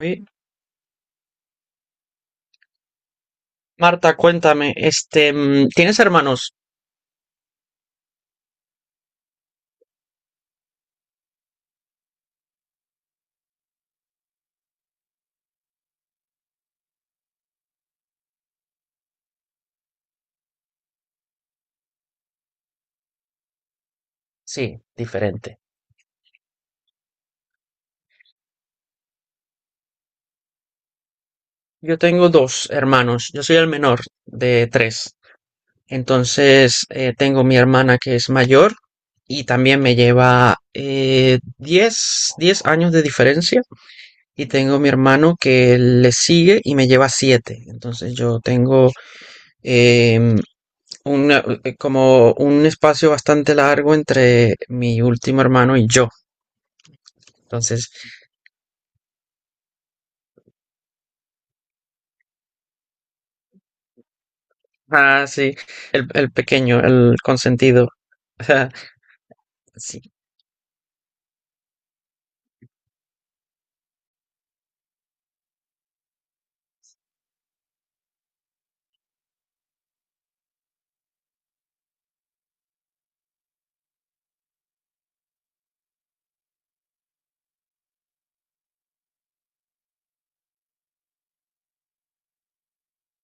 Oye, Marta, cuéntame, este, ¿tienes hermanos? Sí, diferente. Yo tengo dos hermanos, yo soy el menor de tres. Entonces, tengo mi hermana que es mayor y también me lleva 10 10 años de diferencia. Y tengo mi hermano que le sigue y me lleva 7. Entonces, yo tengo em, como un espacio bastante largo entre mi último hermano y yo. Entonces, ah, sí, el pequeño, el consentido. Sí.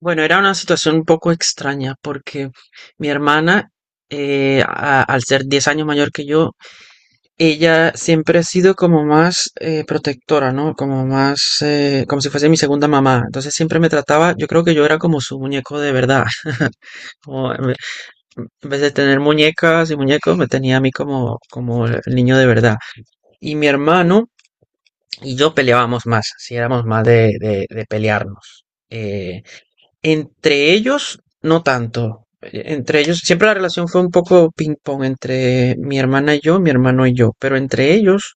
Bueno, era una situación un poco extraña porque mi hermana, al ser 10 años mayor que yo, ella siempre ha sido como más protectora, ¿no? Como más, como si fuese mi segunda mamá. Entonces siempre me trataba, yo creo que yo era como su muñeco de verdad. Como, en vez de tener muñecas y muñecos, me tenía a mí como, como el niño de verdad. Y mi hermano y yo peleábamos más, si éramos más de pelearnos. Eh, Entre ellos, no tanto. Entre ellos, siempre la relación fue un poco ping-pong entre mi hermana y yo, mi hermano y yo, pero entre ellos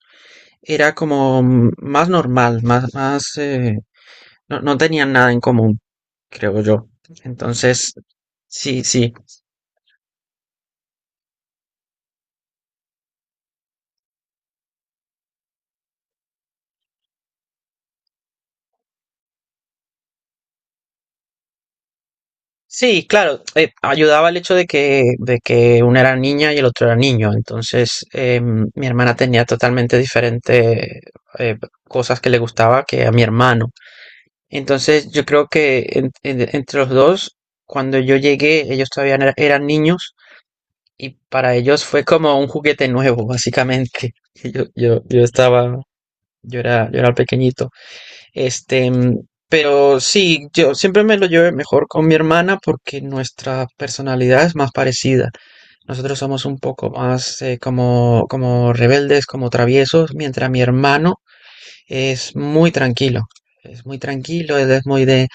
era como más normal, más, no, no tenían nada en común, creo yo. Entonces, sí, sí. Sí, claro, ayudaba el hecho de que una era niña y el otro era niño. Entonces, mi hermana tenía totalmente diferentes cosas que le gustaba que a mi hermano. Entonces yo creo que entre los dos, cuando yo llegué, ellos todavía no eran niños y para ellos fue como un juguete nuevo, básicamente. Y yo estaba, yo era pequeñito. Este, mm, pero sí, yo siempre me lo llevé mejor con mi hermana porque nuestra personalidad es más parecida. Nosotros somos un poco más como, como rebeldes, como traviesos, mientras mi hermano es muy tranquilo, es muy tranquilo, él es muy de,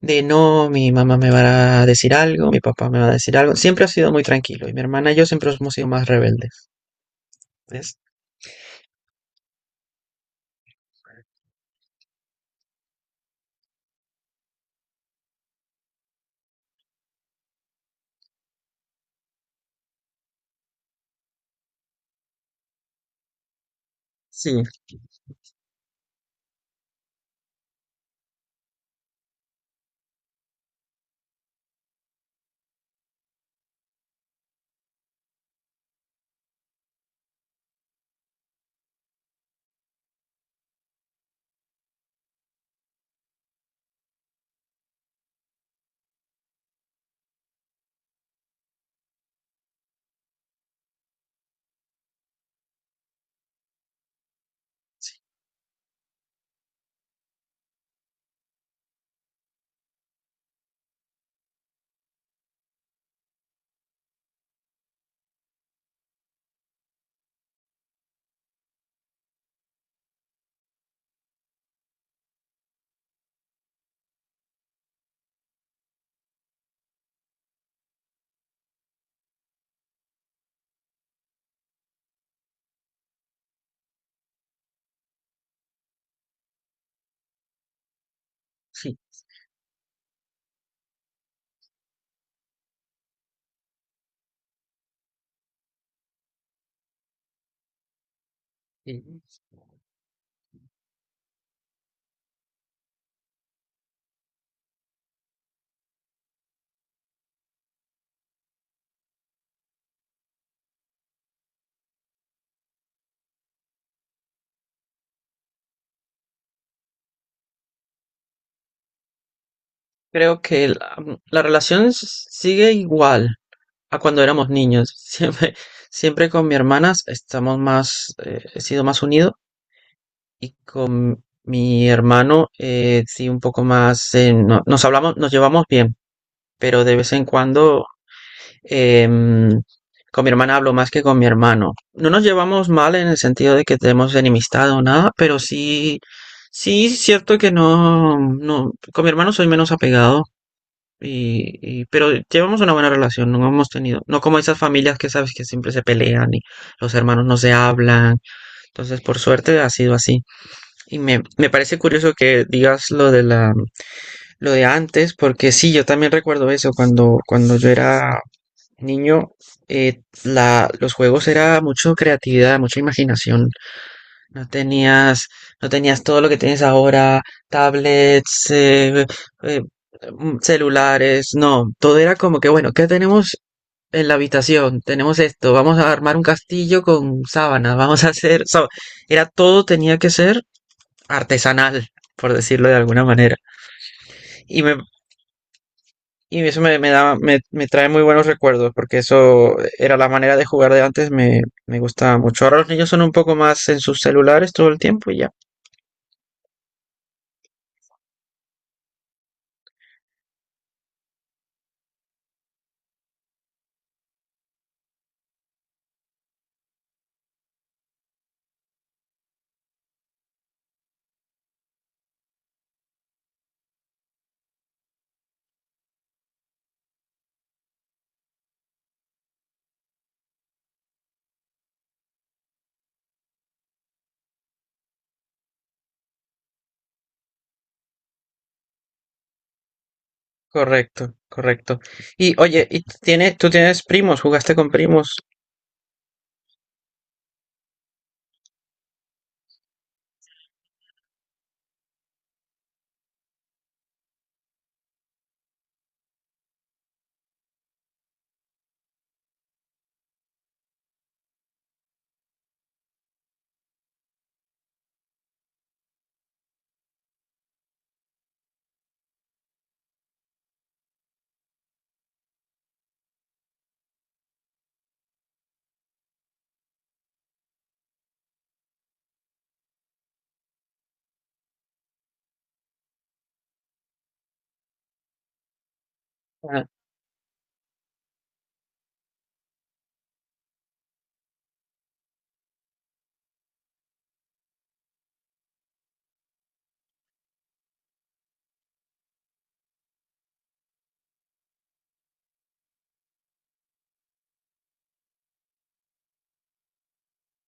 de no, mi mamá me va a decir algo, mi papá me va a decir algo. Siempre ha sido muy tranquilo y mi hermana y yo siempre hemos sido más rebeldes, ¿ves? Sí, sí. Sí. Creo que la relación sigue igual a cuando éramos niños. Siempre, siempre con mi hermana estamos más, he sido más unido y con mi hermano sí un poco más, nos hablamos, nos llevamos bien, pero de vez en cuando. Em, con mi hermana hablo más que con mi hermano. No nos llevamos mal en el sentido de que tenemos enemistad o nada, pero sí, sí, es cierto que no, no, con mi hermano soy menos apegado. Pero llevamos una buena relación, no hemos tenido, no como esas familias que sabes que siempre se pelean y los hermanos no se hablan, entonces por suerte ha sido así. Me parece curioso que digas lo de antes, porque sí, yo también recuerdo eso cuando yo era niño, los juegos era mucho creatividad, mucha imaginación. No tenías, no tenías todo lo que tienes ahora, tablets, eh, celulares, no. Todo era como que, bueno, ¿qué tenemos en la habitación? Tenemos esto, vamos a armar un castillo con sábanas, vamos a hacer, era todo tenía que ser artesanal, por decirlo de alguna manera. Y me, Y eso me da, me trae muy buenos recuerdos, porque eso era la manera de jugar de antes, me gustaba mucho. Ahora los niños son un poco más en sus celulares todo el tiempo y ya. Correcto, correcto. Y oye, ¿y tú tienes primos? ¿Jugaste con primos? Ah,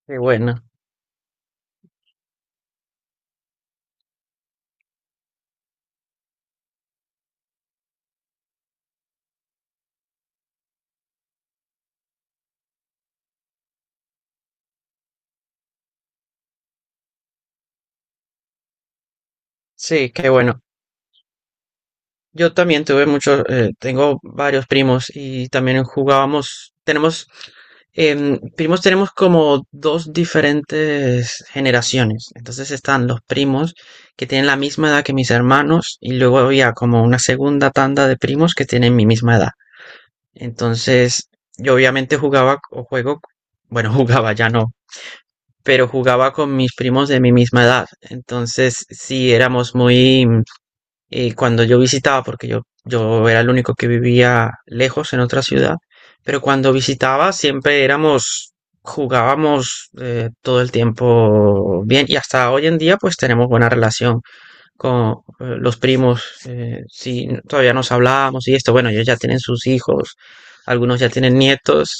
qué bueno. Sí, qué bueno. Yo también tengo varios primos y también jugábamos, primos tenemos como dos diferentes generaciones. Entonces están los primos que tienen la misma edad que mis hermanos y luego había como una segunda tanda de primos que tienen mi misma edad. Entonces yo obviamente jugaba o juego, bueno, jugaba ya no, pero jugaba con mis primos de mi misma edad. Entonces sí éramos muy cuando yo visitaba, porque yo era el único que vivía lejos en otra ciudad, pero cuando visitaba siempre éramos, jugábamos todo el tiempo bien y hasta hoy en día pues tenemos buena relación con los primos, sí, todavía nos hablábamos y esto, bueno, ellos ya tienen sus hijos, algunos ya tienen nietos,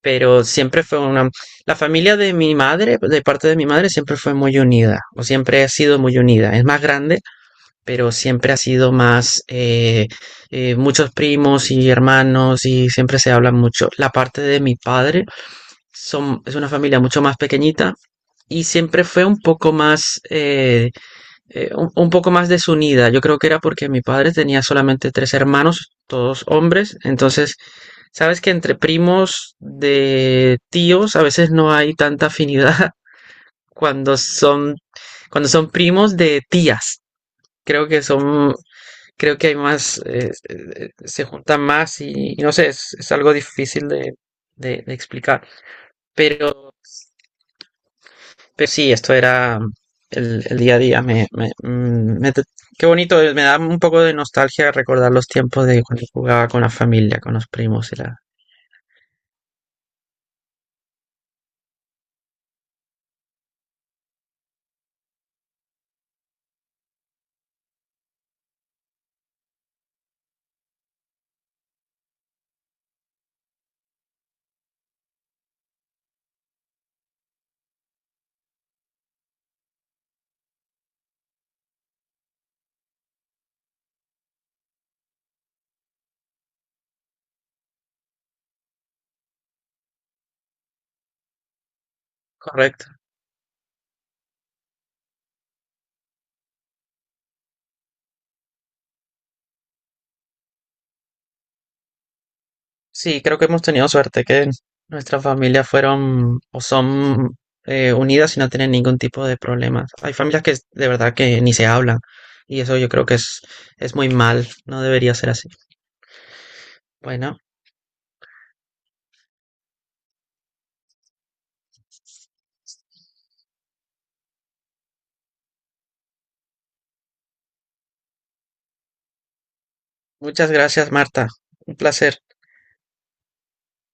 pero siempre fue una... La familia de mi madre, de parte de mi madre, siempre fue muy unida, o siempre ha sido muy unida, es más grande pero siempre ha sido más muchos primos y hermanos y siempre se habla mucho. La parte de mi padre es una familia mucho más pequeñita y siempre fue un poco más desunida. Yo creo que era porque mi padre tenía solamente tres hermanos, todos hombres. Entonces, sabes que entre primos de tíos a veces no hay tanta afinidad cuando son cuando son primos de tías, creo que son creo que hay más, se juntan más y no sé, es algo difícil de explicar. Pero, pero sí, esto era el día a día. Me- mm, me Qué bonito, me da un poco de nostalgia recordar los tiempos de cuando jugaba con la familia, con los primos y la... Correcto. Sí, creo que hemos tenido suerte que nuestras familias fueron o son unidas y no tienen ningún tipo de problemas. Hay familias que de verdad que ni se hablan y eso yo creo que es muy mal, no debería ser así. Bueno, muchas gracias, Marta. Un placer.